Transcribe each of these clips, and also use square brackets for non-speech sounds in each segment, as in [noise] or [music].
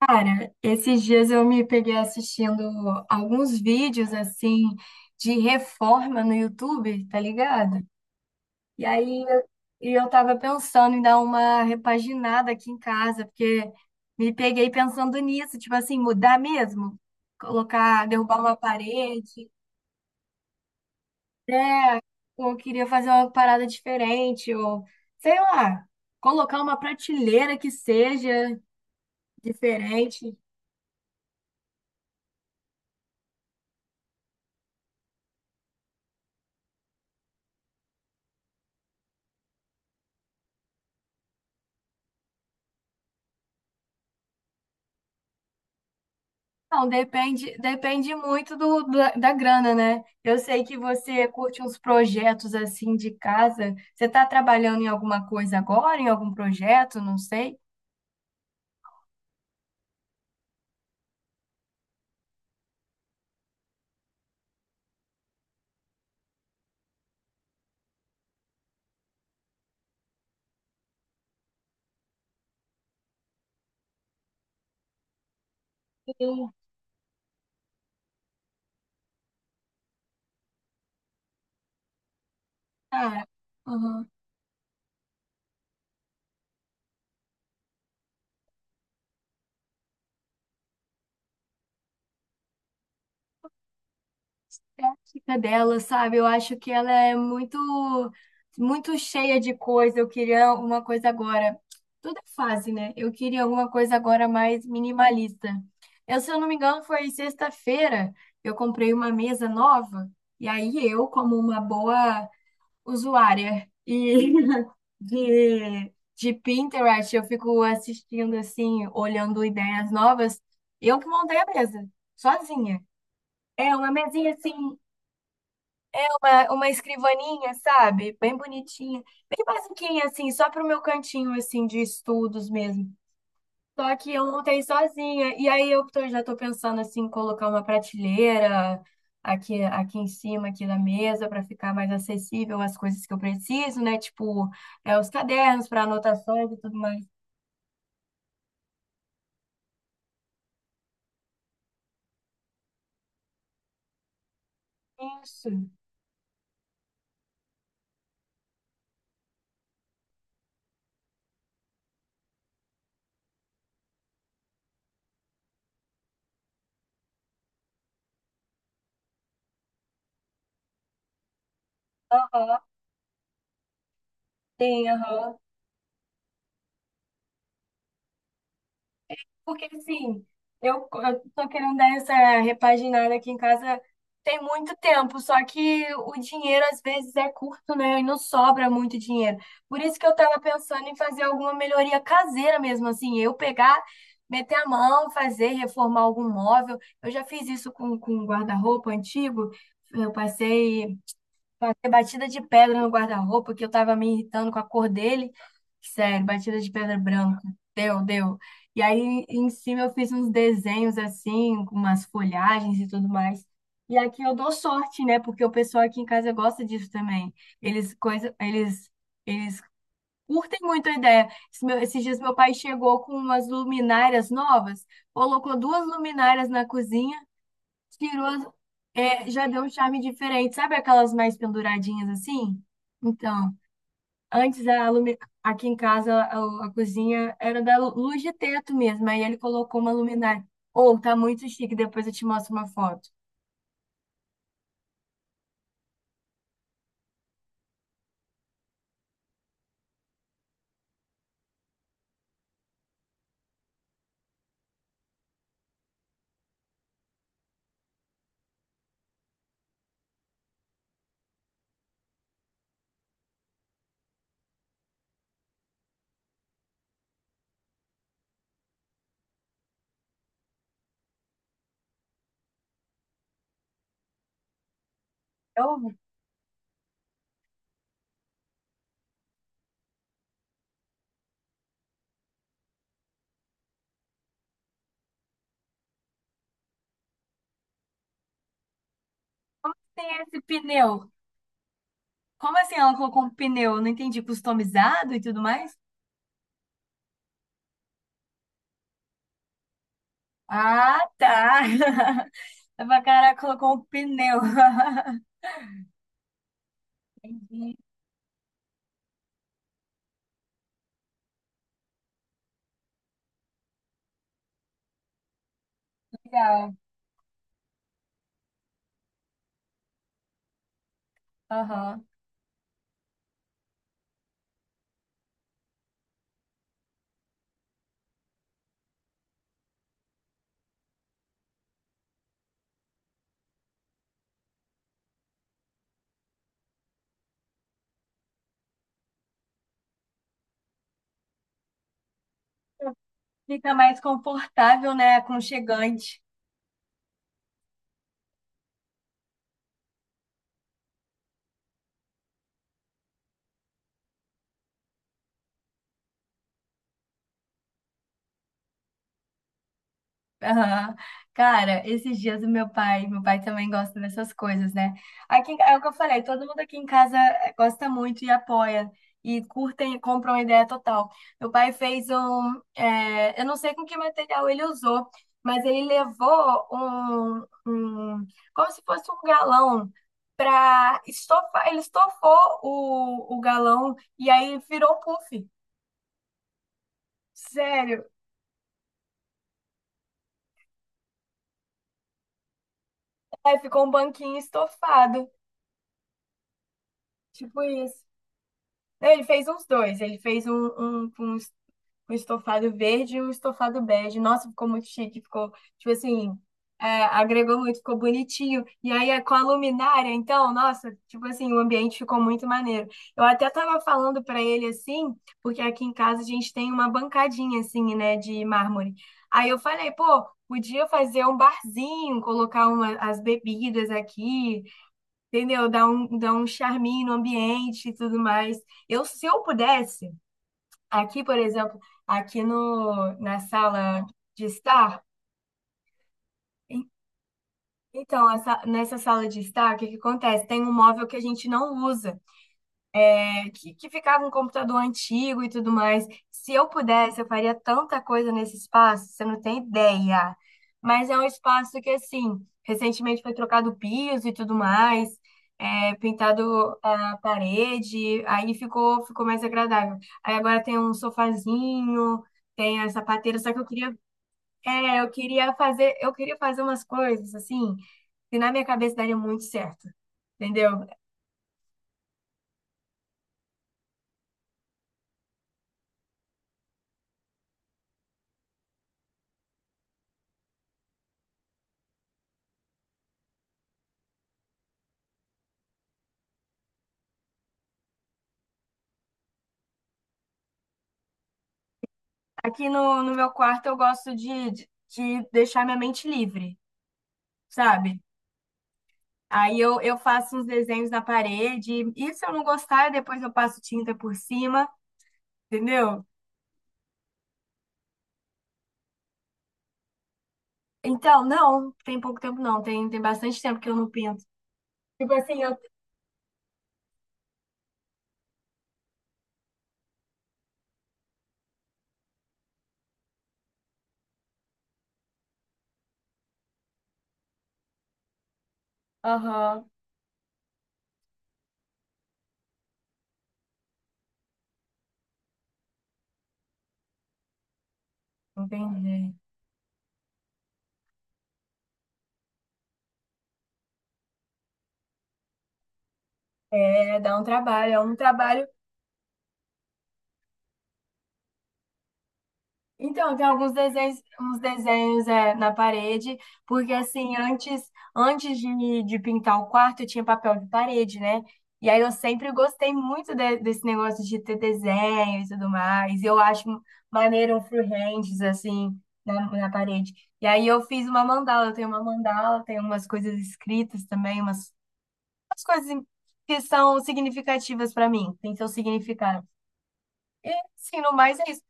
Cara, esses dias eu me peguei assistindo alguns vídeos assim de reforma no YouTube, tá ligado? E aí eu tava pensando em dar uma repaginada aqui em casa, porque me peguei pensando nisso, tipo assim, mudar mesmo, colocar, derrubar uma parede, né? Ou eu queria fazer uma parada diferente, ou sei lá, colocar uma prateleira que seja diferente. Não, depende, depende muito da grana, né? Eu sei que você curte uns projetos assim de casa. Você está trabalhando em alguma coisa agora, em algum projeto? Não sei. Eu, ah, uhum, estética dela, sabe? Eu acho que ela é muito, muito cheia de coisa. Eu queria uma coisa agora. Tudo é fase, né? Eu queria alguma coisa agora mais minimalista. Eu, se eu não me engano, foi sexta-feira. Eu comprei uma mesa nova. E aí eu, como uma boa usuária e [laughs] de Pinterest, eu fico assistindo assim, olhando ideias novas. Eu que montei a mesa, sozinha. É uma mesinha assim uma escrivaninha, sabe? Bem bonitinha. Bem basiquinha, assim, só pro meu cantinho, assim, de estudos mesmo. Só que eu montei sozinha. E aí eu já tô pensando, assim, em colocar uma prateleira aqui, aqui em cima, aqui na mesa, para ficar mais acessível as coisas que eu preciso, né? Tipo, é, os cadernos para anotações e tudo mais. Isso. Aham. Tem, aham. Porque assim, eu tô querendo dar essa repaginada aqui em casa tem muito tempo, só que o dinheiro às vezes é curto, né? E não sobra muito dinheiro. Por isso que eu tava pensando em fazer alguma melhoria caseira mesmo, assim, eu pegar, meter a mão, fazer, reformar algum móvel. Eu já fiz isso com um guarda-roupa antigo. Eu passei Bater batida de pedra no guarda-roupa, que eu tava me irritando com a cor dele. Sério, batida de pedra branca. Deu, deu. E aí em cima eu fiz uns desenhos assim, com umas folhagens e tudo mais. E aqui eu dou sorte, né? Porque o pessoal aqui em casa gosta disso também. Eles coisa, eles eles curtem muito a ideia. Esses dias meu pai chegou com umas luminárias novas, colocou duas luminárias na cozinha. Tirou, as- É, já deu um charme diferente. Sabe aquelas mais penduradinhas assim? Então, antes a lumi- aqui em casa a cozinha era da luz de teto mesmo. Aí ele colocou uma luminária. Ou tá muito chique, depois eu te mostro uma foto. Eu tem esse pneu. Como assim ela colocou um pneu? Eu não entendi, customizado e tudo mais? Ah, tá. [laughs] Eu falei, caraca, colocou um pneu. [laughs] Entendi, legal. Aham. Fica mais confortável, né? Aconchegante. Aham. Cara, esses dias o meu pai também gosta dessas coisas, né? Aqui, é o que eu falei, todo mundo aqui em casa gosta muito e apoia, e curtem e compram a ideia total. Meu pai fez um, eu não sei com que material ele usou, mas ele levou um, um como se fosse um galão para estofar, ele estofou o galão e aí virou um puff. Sério, aí ficou um banquinho estofado, tipo isso. Não, ele fez uns dois. Ele fez um, um, com um um estofado verde e um estofado bege. Nossa, ficou muito chique. Ficou, tipo assim, é, agregou muito, ficou bonitinho. E aí, é com a luminária, então, nossa, tipo assim, o ambiente ficou muito maneiro. Eu até tava falando pra ele, assim, porque aqui em casa a gente tem uma bancadinha, assim, né, de mármore. Aí eu falei, pô, podia fazer um barzinho, colocar uma, as bebidas aqui, entendeu? Dá um charminho no ambiente e tudo mais. Eu, se eu pudesse, aqui, por exemplo, aqui no, na sala de estar, en- então, nessa sala de estar, o que que acontece? Tem um móvel que a gente não usa. Que ficava um computador antigo e tudo mais. Se eu pudesse, eu faria tanta coisa nesse espaço, você não tem ideia. Mas é um espaço que, assim, recentemente foi trocado piso e tudo mais, é, pintado a parede, aí ficou, ficou mais agradável. Aí agora tem um sofazinho, tem a sapateira, só que eu queria, é, eu queria fazer umas coisas, assim, que na minha cabeça daria muito certo. Entendeu? Aqui no meu quarto eu gosto de deixar minha mente livre, sabe? Aí eu faço uns desenhos na parede, e se eu não gostar, depois eu passo tinta por cima, entendeu? Então, não, tem pouco tempo não, tem bastante tempo que eu não pinto. Tipo assim, eu. Aham, entendi. É, dá um trabalho, é um trabalho. Então, tem alguns desenhos, uns desenhos é, na parede, porque assim, antes, antes de pintar o quarto, eu tinha papel de parede, né? E aí eu sempre gostei muito desse negócio de ter desenho e tudo mais. Eu acho maneiro um freehands, assim, na parede. E aí eu fiz uma mandala, eu tenho uma mandala, tenho umas coisas escritas também, umas, umas coisas que são significativas para mim, tem seu significado. Sim, no mais é isso.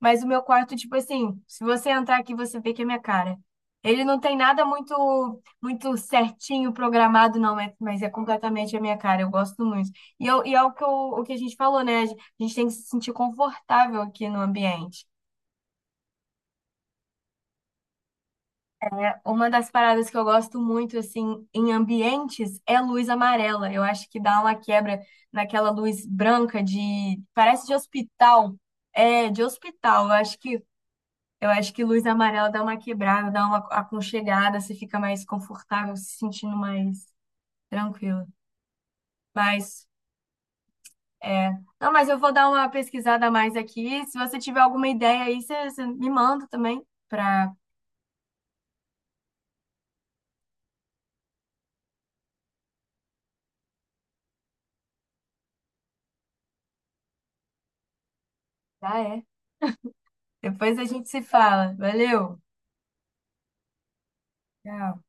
Mas o meu quarto, tipo assim, se você entrar aqui, você vê que é minha cara. Ele não tem nada muito muito certinho programado, não, mas é completamente a minha cara. Eu gosto muito. E, eu, e é o que, eu- o que a gente falou, né? A gente tem que se sentir confortável aqui no ambiente. Uma das paradas que eu gosto muito, assim, em ambientes é luz amarela. Eu acho que dá uma quebra naquela luz branca de... parece de hospital. É, de hospital. Eu acho que luz amarela dá uma quebrada, dá uma aconchegada, você fica mais confortável, se sentindo mais tranquilo. Mas, é. Não, mas eu vou dar uma pesquisada a mais aqui. Se você tiver alguma ideia aí, você me manda também pra. Ah, é. Depois a gente se fala. Valeu! Tchau.